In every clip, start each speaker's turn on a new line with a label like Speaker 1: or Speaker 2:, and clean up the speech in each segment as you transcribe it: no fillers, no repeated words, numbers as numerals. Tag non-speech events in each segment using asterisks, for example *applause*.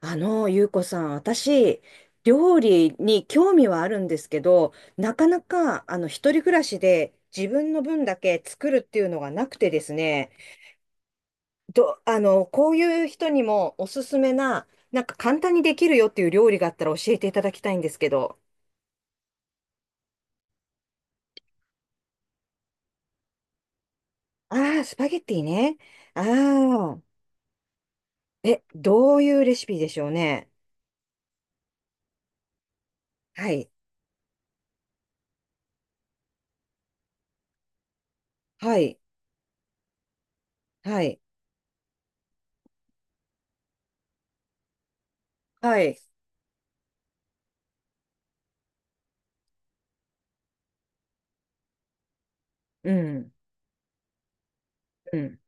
Speaker 1: ゆうこさん、私、料理に興味はあるんですけど、なかなか、一人暮らしで自分の分だけ作るっていうのがなくてですね、ど、あの、こういう人にもおすすめな、なんか簡単にできるよっていう料理があったら教えていただきたいんですけど。ああ、スパゲッティね。ああ、え、どういうレシピでしょうね。はい、はい、はい、はい、うん、うん、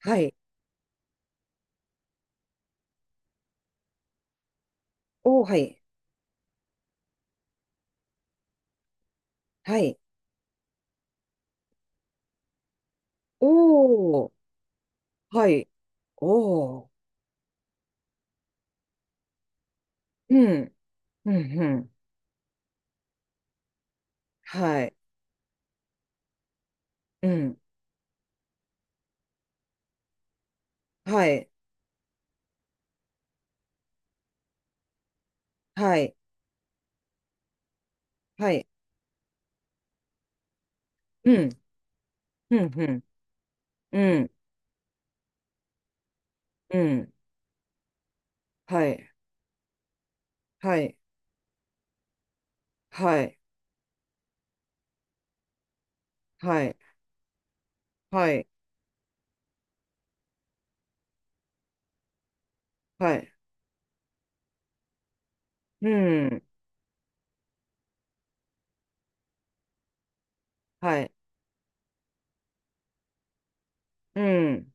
Speaker 1: はい、おー、はい、はい、おー、はい。おお、うん、うん、うん。はい、うん、はい、はい、はい、うん、うん、うん、うん、うん、はい、はい、はい、はい、はい、はい、うん、はい、うん。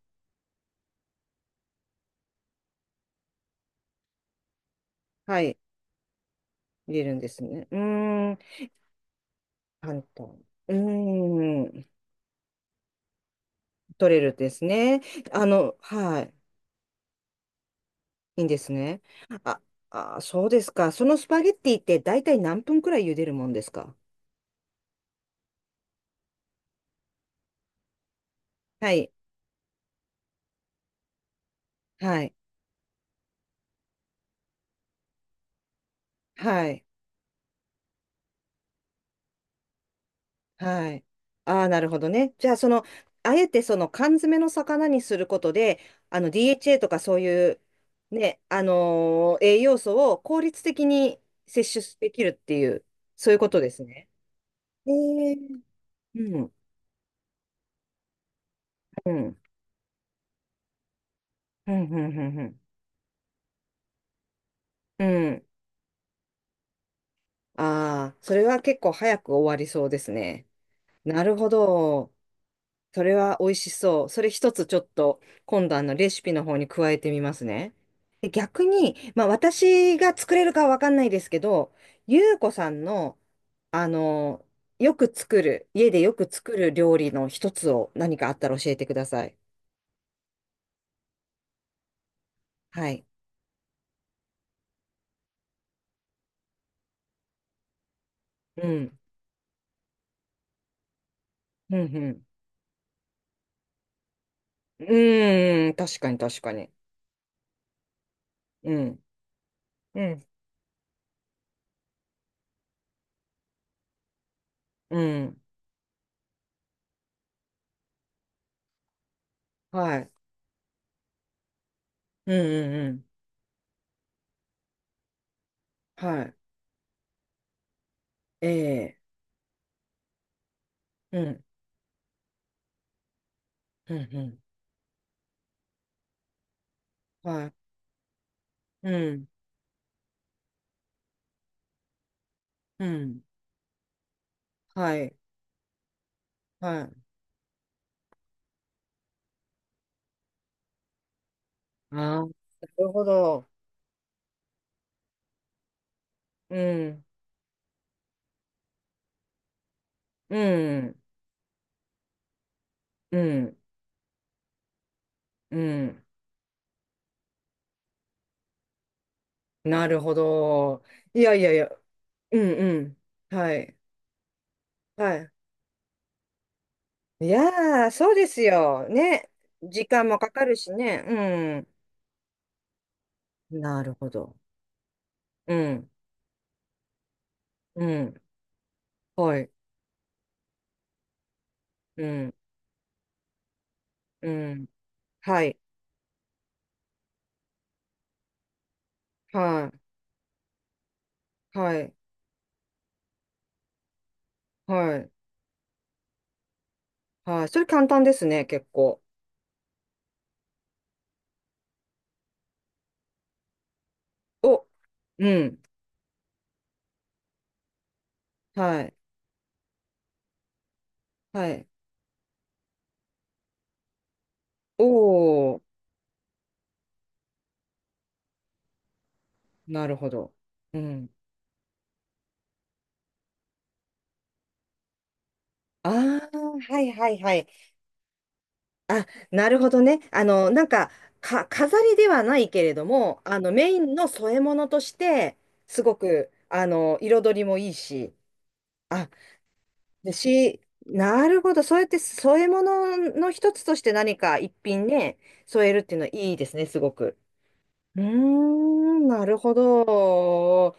Speaker 1: はい、入れるんですね。うーん、簡単。うーん、取れるですね。はい、いいんですね。あ、あ、そうですか。そのスパゲッティって大体何分くらい茹でるもんですか？はい、はい、はい。はい。ああ、なるほどね。じゃあ、その、あえてその缶詰の魚にすることで、DHA とかそういう、ね、栄養素を効率的に摂取できるっていう、そういうことですね。えー、うん、うん、うん、うん、うん、うん。うん。ああ、それは結構早く終わりそうですね。なるほど。それは美味しそう。それ一つちょっと今度あのレシピの方に加えてみますね。で逆に、まあ私が作れるかはわかんないですけど、ゆうこさんの、あの、よく作る、家でよく作る料理の一つを何かあったら教えてください。はい。うん。うん、うん。うーん、確かに確かに。うん。うん。うん。はい。うん、うん、うん。はい。ええ。うん。うん、うん。はい。うん。うん。はい。はい。ああ、なるほど。うん、うん、うん、うん。なるほど。いやいやいや、うん、うん。はい、はい。いやー、そうですよ。ね。時間もかかるしね。うん。なるほど。うん、うん。はい。うん、うん。はい、はい、はい、はい、はい。それ簡単ですね、結構。お、うん。はい、はい。おー、なるほど。うん。ああ、はいはいはい。あ、なるほどね。なんか、飾りではないけれども、メインの添え物として、すごく、彩りもいいし。あ、でし、なるほど。そうやって添え物の一つとして何か一品ね、添えるっていうのはいいですね、すごく。うーん、なるほど。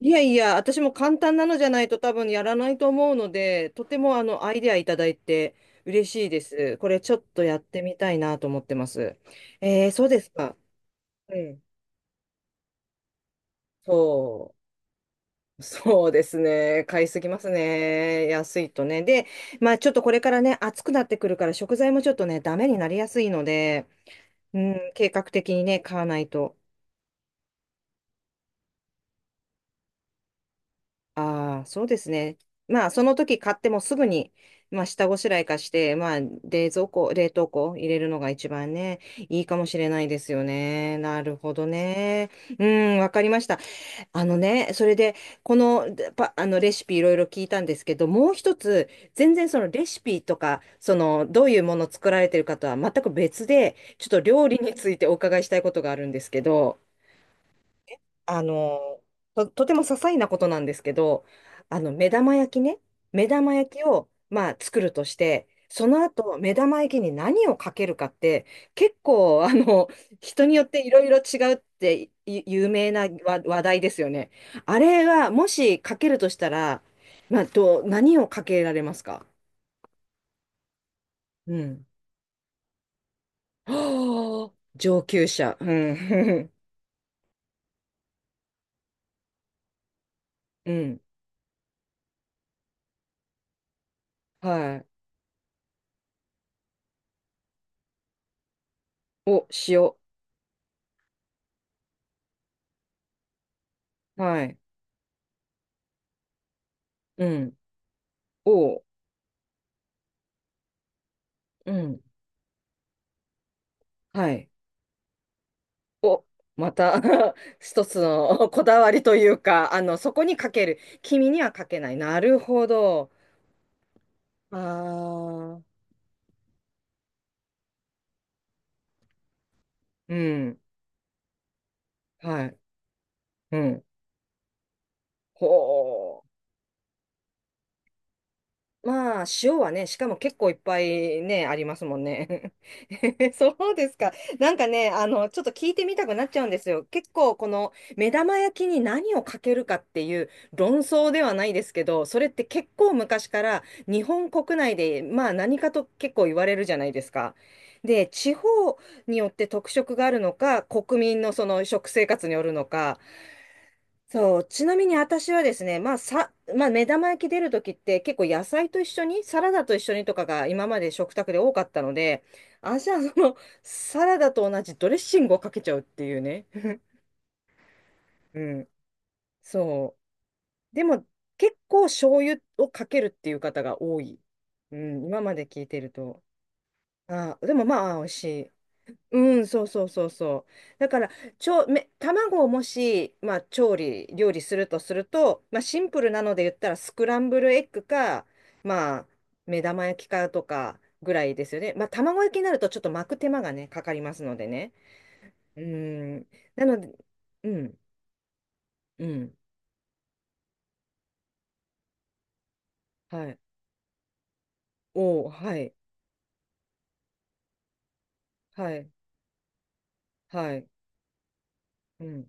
Speaker 1: いやいや、私も簡単なのじゃないと多分やらないと思うので、とてもあのアイデアいただいて嬉しいです。これちょっとやってみたいなと思ってます。えー、そうですか。うん。そう。*laughs* そうですね。買いすぎますね。安いとね。で、まあちょっとこれからね、暑くなってくるから食材もちょっとね、ダメになりやすいので、うん、計画的にね、買わないと。ああ、そうですね。まあ、その時買ってもすぐに、まあ、下ごしらえ化して、まあ、冷蔵庫、冷凍庫入れるのが一番ね、いいかもしれないですよね。なるほどね。うん、わかりました。あのね、それで、この、でパ、あの、レシピいろいろ聞いたんですけど、もう一つ、全然そのレシピとか、その、どういうもの作られてるかとは全く別で、ちょっと料理についてお伺いしたいことがあるんですけど、あの、とても些細なことなんですけど、目玉焼きね、目玉焼きを、まあ、作るとして、その後、目玉焼きに何をかけるかって、結構、人によっていろいろ違うってい有名な話題ですよね。あれは、もしかけるとしたら、まあ、何をかけられますか？うん。*gasps* はあ、上級者。うん。*laughs* うん。はい。お、塩。はい。うん。おう。うん。はい。お、また *laughs* 一つの *laughs* こだわりというか、そこにかける。君にはかけない。なるほど。ああ、うん。はい。うん。ほう。まあ、塩はね、しかも結構いっぱいね、ありますもんね。*laughs* そうですか。なんかね、ちょっと聞いてみたくなっちゃうんですよ。結構、この目玉焼きに何をかけるかっていう論争ではないですけど、それって結構昔から日本国内で、まあ何かと結構言われるじゃないですか。で、地方によって特色があるのか、国民のその食生活によるのか、そう、ちなみに私はですね、まあさ、まあ、目玉焼き出るときって結構野菜と一緒に、サラダと一緒にとかが今まで食卓で多かったので、私はそのサラダと同じドレッシングをかけちゃうっていうね。*laughs* うん、そう。でも結構醤油をかけるっていう方が多い。うん、今まで聞いてると。あ、でもまあ美味しい。うん、そうそうそうそう。だから、ちょ、め、卵をもし、まあ、料理するとすると、まあ、シンプルなので言ったら、スクランブルエッグか、まあ、目玉焼きかとかぐらいですよね。まあ、卵焼きになると、ちょっと巻く手間がね、かかりますのでね。うん。なので、うん、うん、はい。おお、はい、はい、はい、うん、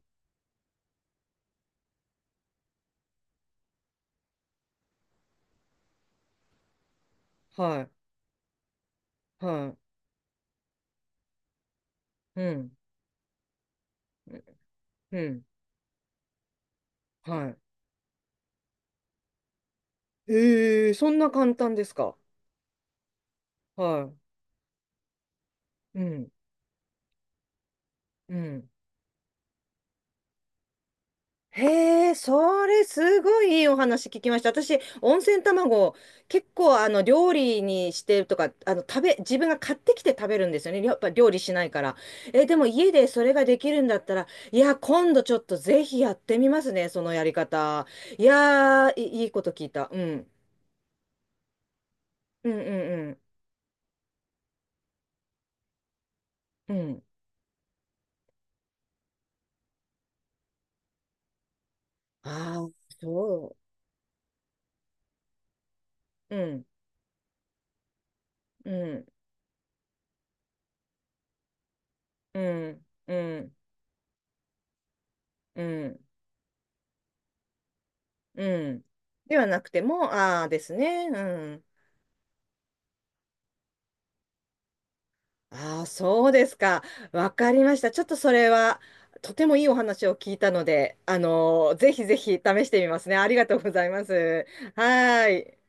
Speaker 1: はい、はい、うん、うん、はい。えー、そんな簡単ですか。はい、うん、うん。へえ、それすごいいいお話聞きました。私、温泉卵、結構あの料理にしてとか、あの食べ、自分が買ってきて食べるんですよね。やっぱ料理しないから。え、でも家でそれができるんだったら、いや、今度ちょっとぜひやってみますね、そのやり方。いやー、いいいこと聞いた。うん。うんうんうん。うん。ああ、そう。うん。うん。うん。うん。うん。うん。ではなくても、ああですね。うん。ああ、そうですか。わかりました。ちょっとそれは、とてもいいお話を聞いたので、ぜひぜひ試してみますね。ありがとうございます。はーい。